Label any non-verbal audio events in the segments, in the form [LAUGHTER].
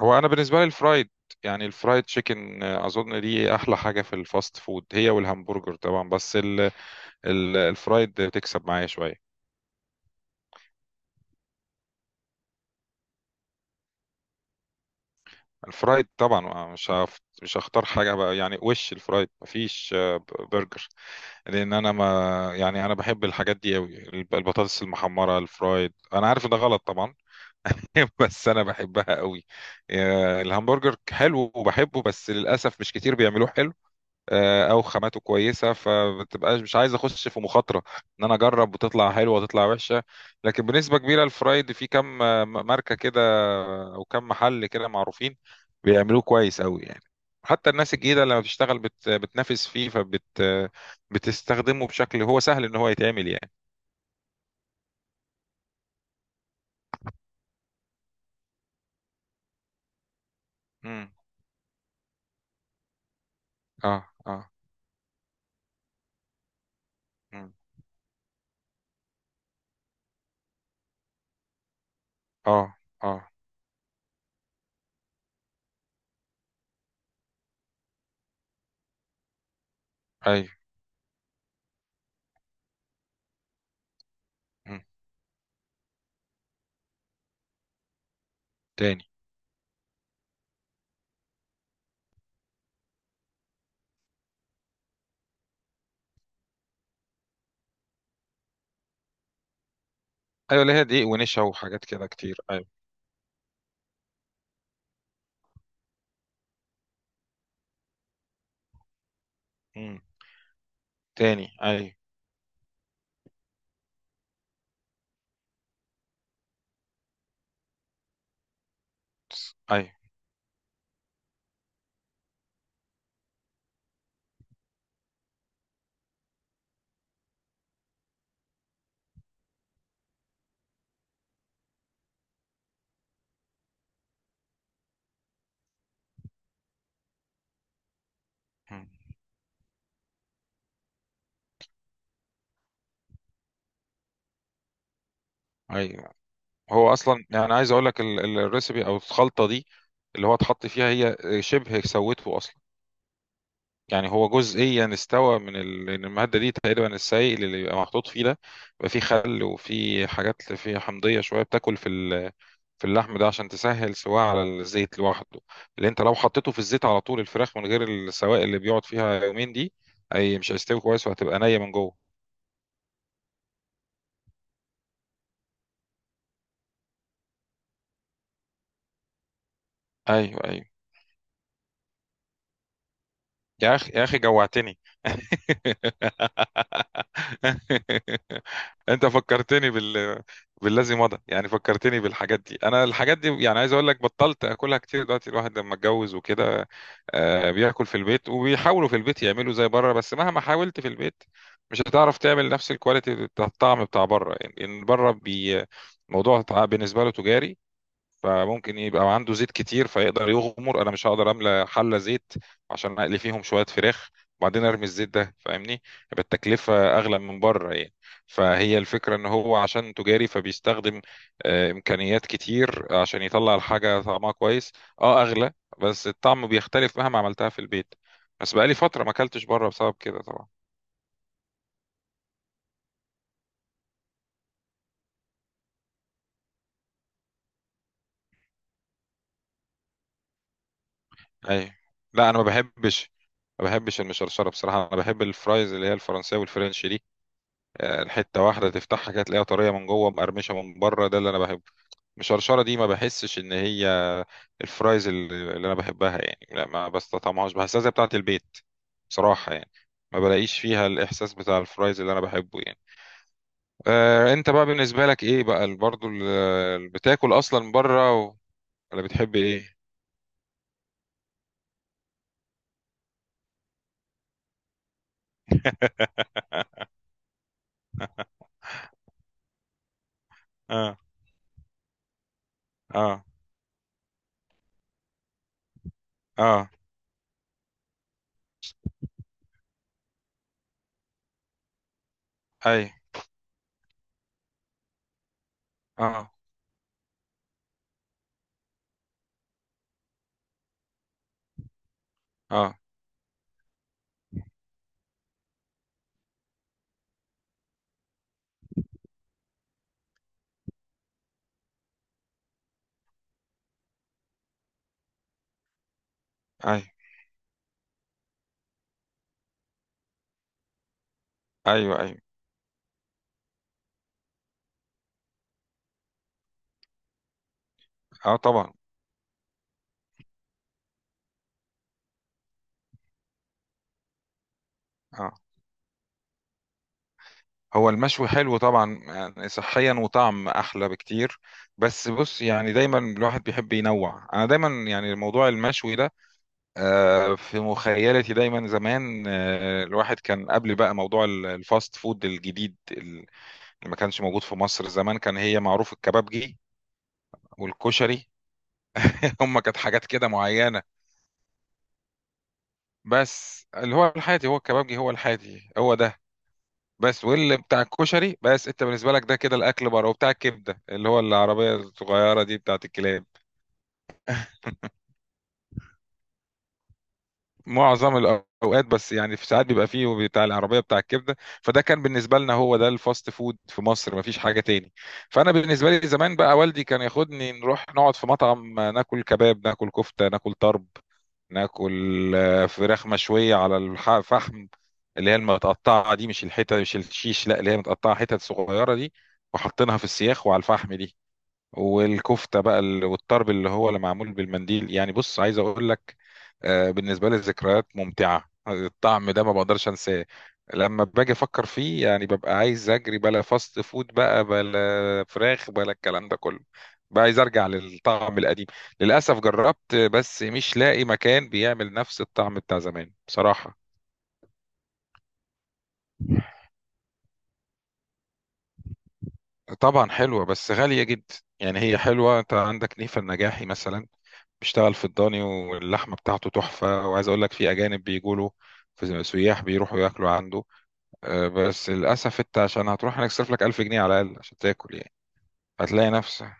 هو انا بالنسبه لي الفرايد، يعني الفرايد تشيكن. اظن دي احلى حاجه في الفاست فود، هي والهمبرجر طبعا. بس ال الفرايد بتكسب معايا شويه. الفرايد طبعا. مش هختار حاجه بقى يعني، وش الفرايد مفيش برجر. لان انا ما، يعني انا بحب الحاجات دي قوي، البطاطس المحمره الفرايد. انا عارف إن ده غلط طبعا [LAUGHS] بس انا بحبها قوي. الهمبرجر حلو وبحبه بس للاسف مش كتير بيعملوه حلو، او خاماته كويسه، فبتبقاش. مش عايز اخش في مخاطره ان انا اجرب وتطلع حلوه وتطلع وحشه. لكن بنسبه كبيره الفرايد في كم ماركه كده، او كم محل كده معروفين بيعملوه كويس قوي يعني. حتى الناس الجديده لما بتشتغل بتنافس فيه بتستخدمه بشكل هو سهل ان هو يتعمل يعني. امم. اه اه. مم. اه اه. ايوه. مم. تاني ايوه. اللي هي دقيق ونشا وحاجات كده كتير، ايوه. مم. تاني، ايوه ايوه. مم. ايوه. هو اصلا يعني عايز اقول لك الريسبي او الخلطه دي اللي هو اتحط فيها، هي شبه سوته اصلا. يعني هو جزئيا استوى من لأن الماده دي تقريبا، السائل اللي بيبقى محطوط فيه ده بيبقى فيه خل وفيه حاجات، فيه حمضيه شويه بتاكل في في اللحم ده، عشان تسهل سواه على الزيت لوحده. اللي انت لو حطيته في الزيت على طول الفراخ من غير السوائل اللي بيقعد فيها يومين دي، اي مش هيستوي كويس وهتبقى نيه من جوه. ايوه ايوه. يا اخي يا اخي جوعتني. [LAUGHS] انت فكرتني بالذي مضى، يعني فكرتني بالحاجات دي. انا الحاجات دي يعني عايز اقول لك بطلت اكلها كتير دلوقتي. الواحد لما اتجوز وكده بياكل في البيت، وبيحاولوا في البيت يعملوا زي بره، بس مهما حاولت في البيت مش هتعرف تعمل نفس الكواليتي بتاع الطعم بتاع بره. يعني إن بره بي، موضوع بالنسبه له تجاري، فممكن يبقى عنده زيت كتير فيقدر يغمر. انا مش هقدر املى حله زيت عشان اقلي فيهم شويه فراخ وبعدين ارمي الزيت ده، فاهمني؟ يبقى التكلفه اغلى من بره يعني. فهي الفكره ان هو عشان تجاري فبيستخدم امكانيات كتير عشان يطلع الحاجه طعمها كويس، اه اغلى. بس الطعم بيختلف مهما عملتها في البيت. بس بقالي فتره ما اكلتش بره بسبب كده طبعا. ايوه. لا انا ما بحبش، ما بحبش المشرشره بصراحه. انا بحب الفرايز اللي هي الفرنسيه والفرنش، حته واحده تفتحها كده تلاقيها طريه من جوه مقرمشه من بره، ده اللي انا بحبه. المشرشره دي ما بحسش ان هي الفرايز اللي انا بحبها يعني، لا ما بستطعمهاش، بحسها زي بتاعه البيت بصراحه يعني. ما بلاقيش فيها الاحساس بتاع الفرايز اللي انا بحبه يعني. آه انت بقى بالنسبه لك ايه بقى برضو بتاكل اصلا من بره و، ولا بتحب ايه؟ [LAUGHS] اه اه اه. اي. اه اه. اي. ايوه ايوه. اه طبعا. هو المشوي حلو طبعا يعني، صحيا وطعم احلى بكتير. بس بص يعني دايما الواحد بيحب ينوع. انا دايما يعني موضوع المشوي ده في مخيلتي دايما زمان، الواحد كان قبل بقى موضوع الفاست فود الجديد اللي ما كانش موجود في مصر زمان، كان هي معروف الكبابجي والكشري. [LAUGHS] هم كانت حاجات كده معينة. بس اللي هو الحاتي هو الكبابجي، هو الحاتي هو ده. بس واللي بتاع الكشري. بس انت بالنسبه لك ده، كده الاكل بره وبتاع الكبده اللي هو العربيه الصغيره دي بتاعت الكلاب. معظم الاوقات، بس يعني في ساعات بيبقى فيه بتاع العربيه بتاع الكبده. فده كان بالنسبه لنا هو ده الفاست فود في مصر، مفيش حاجه تاني. فانا بالنسبه لي زمان بقى، والدي كان ياخدني نروح نقعد في مطعم، ناكل كباب ناكل كفته ناكل طرب، ناكل فراخ مشويه على الفحم، اللي هي المتقطعه دي، مش الحته مش الشيش، لا اللي هي متقطعه حتت صغيره دي، وحاطينها في السياخ وعلى الفحم دي. والكفته بقى والطرب اللي هو اللي معمول بالمنديل. يعني بص عايز اقول لك بالنسبة لي ذكريات ممتعة، الطعم ده ما بقدرش انساه. لما باجي افكر فيه يعني ببقى عايز اجري، بلا فاست فود بقى بلا فراخ بلا الكلام ده كله، بقى عايز ارجع للطعم القديم. للاسف جربت بس مش لاقي مكان بيعمل نفس الطعم بتاع زمان بصراحة. طبعا حلوة بس غالية جدا. يعني هي حلوة. انت عندك نيفا النجاحي مثلا، بيشتغل في الضاني، واللحمة بتاعته تحفة. وعايز اقول لك في اجانب بيجوا له، في سياح بيروحوا ياكلوا عنده. بس للأسف أنت عشان هتروح هنصرف لك 1000 جنيه على الأقل عشان تاكل يعني. هتلاقي نفسك،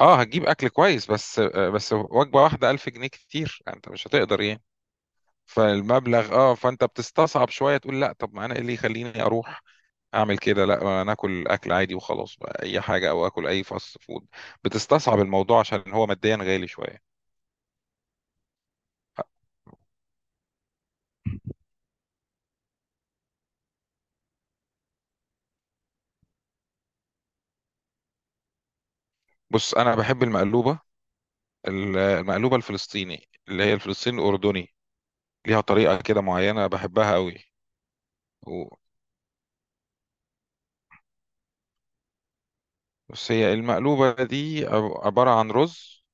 أه هتجيب أكل كويس بس. بس وجبة واحدة 1000 جنيه كتير، أنت مش هتقدر يعني. فالمبلغ، أه فأنت بتستصعب شوية، تقول لأ. طب ما أنا إيه اللي يخليني أروح أعمل كده؟ لأ، ما أنا آكل أكل عادي وخلاص بقى، أي حاجة أو آكل أي فاست فود. بتستصعب الموضوع عشان هو ماديا غالي شوية. بص انا بحب المقلوبه، المقلوبه الفلسطيني، اللي هي الفلسطيني الاردني. ليها طريقه كده معينه بحبها قوي. بس هي المقلوبة دي عبارة عن رز،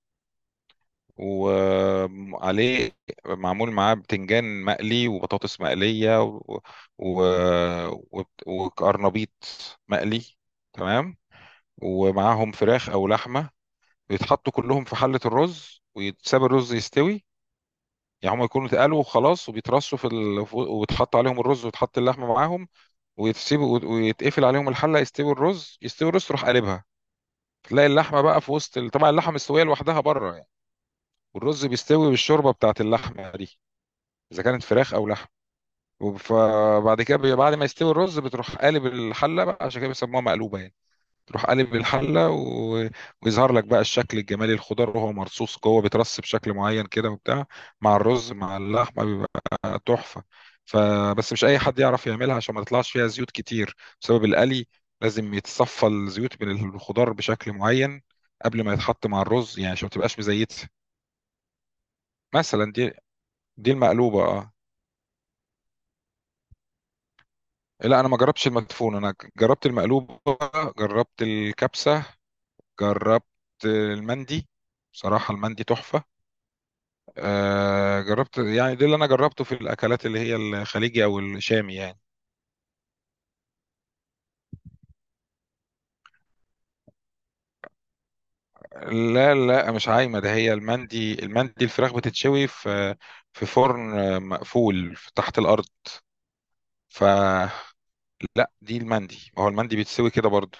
وعليه معمول معاه بتنجان مقلي وبطاطس مقلية و... و... و... وقرنبيط مقلي. تمام. ومعاهم فراخ أو لحمة، بيتحطوا كلهم في حلة الرز ويتساب الرز يستوي. يعني هم يكونوا اتقلوا وخلاص، وبيترصوا في ويتحط عليهم الرز وتحط اللحمة معاهم، ويتسيبوا ويتقفل عليهم الحلة يستوي الرز. يستوي الرز تروح قلبها، تلاقي اللحمه بقى في وسط طبعا اللحمه مستويه لوحدها بره يعني. والرز بيستوي بالشوربه بتاعت اللحمه دي، اذا كانت فراخ او لحم. فبعد كده بعد ما يستوي الرز بتروح قالب الحله بقى، عشان كده بيسموها مقلوبه يعني. تروح قالب الحله و... ويظهر لك بقى الشكل الجمالي، الخضار وهو مرصوص جوه بيترص بشكل معين كده وبتاع، مع الرز مع اللحمه بيبقى تحفه. فبس مش اي حد يعرف يعملها، عشان ما تطلعش فيها زيوت كتير بسبب القلي. لازم يتصفى الزيوت من الخضار بشكل معين قبل ما يتحط مع الرز يعني، عشان ما تبقاش مزيته مثلا دي. دي المقلوبه، اه. إيه، لا انا ما جربتش المدفون، انا جربت المقلوبه، جربت الكبسه، جربت المندي. بصراحه المندي تحفه. جربت يعني، ده اللي انا جربته في الاكلات اللي هي الخليجي او الشامي يعني. لا لا مش عايمه، ده هي المندي. المندي الفراخ بتتشوي في في فرن مقفول تحت الارض. ف، لا دي المندي، ما هو المندي بيتسوي كده برضو.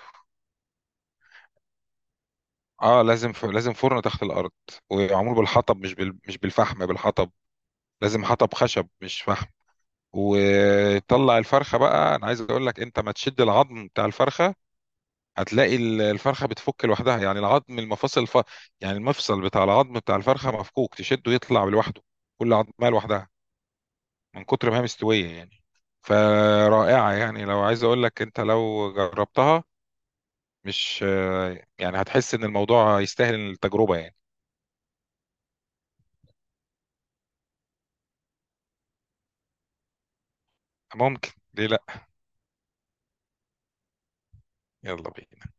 اه لازم لازم فرن تحت الارض، ومعمول بالحطب مش مش بالفحم، بالحطب. لازم حطب خشب مش فحم. وطلع الفرخه بقى، انا عايز اقول لك انت ما تشد العظم بتاع الفرخه، هتلاقي الفرخه بتفك لوحدها. يعني العظم المفاصل يعني المفصل بتاع العظم بتاع الفرخه مفكوك، تشده يطلع لوحده، كل عظمه لوحدها، من كتر ما هي مستويه يعني. فرائعه يعني، لو عايز اقول لك انت لو جربتها، مش، يعني هتحس ان الموضوع يستاهل التجربه يعني. ممكن، ليه لا؟ يلا بينا.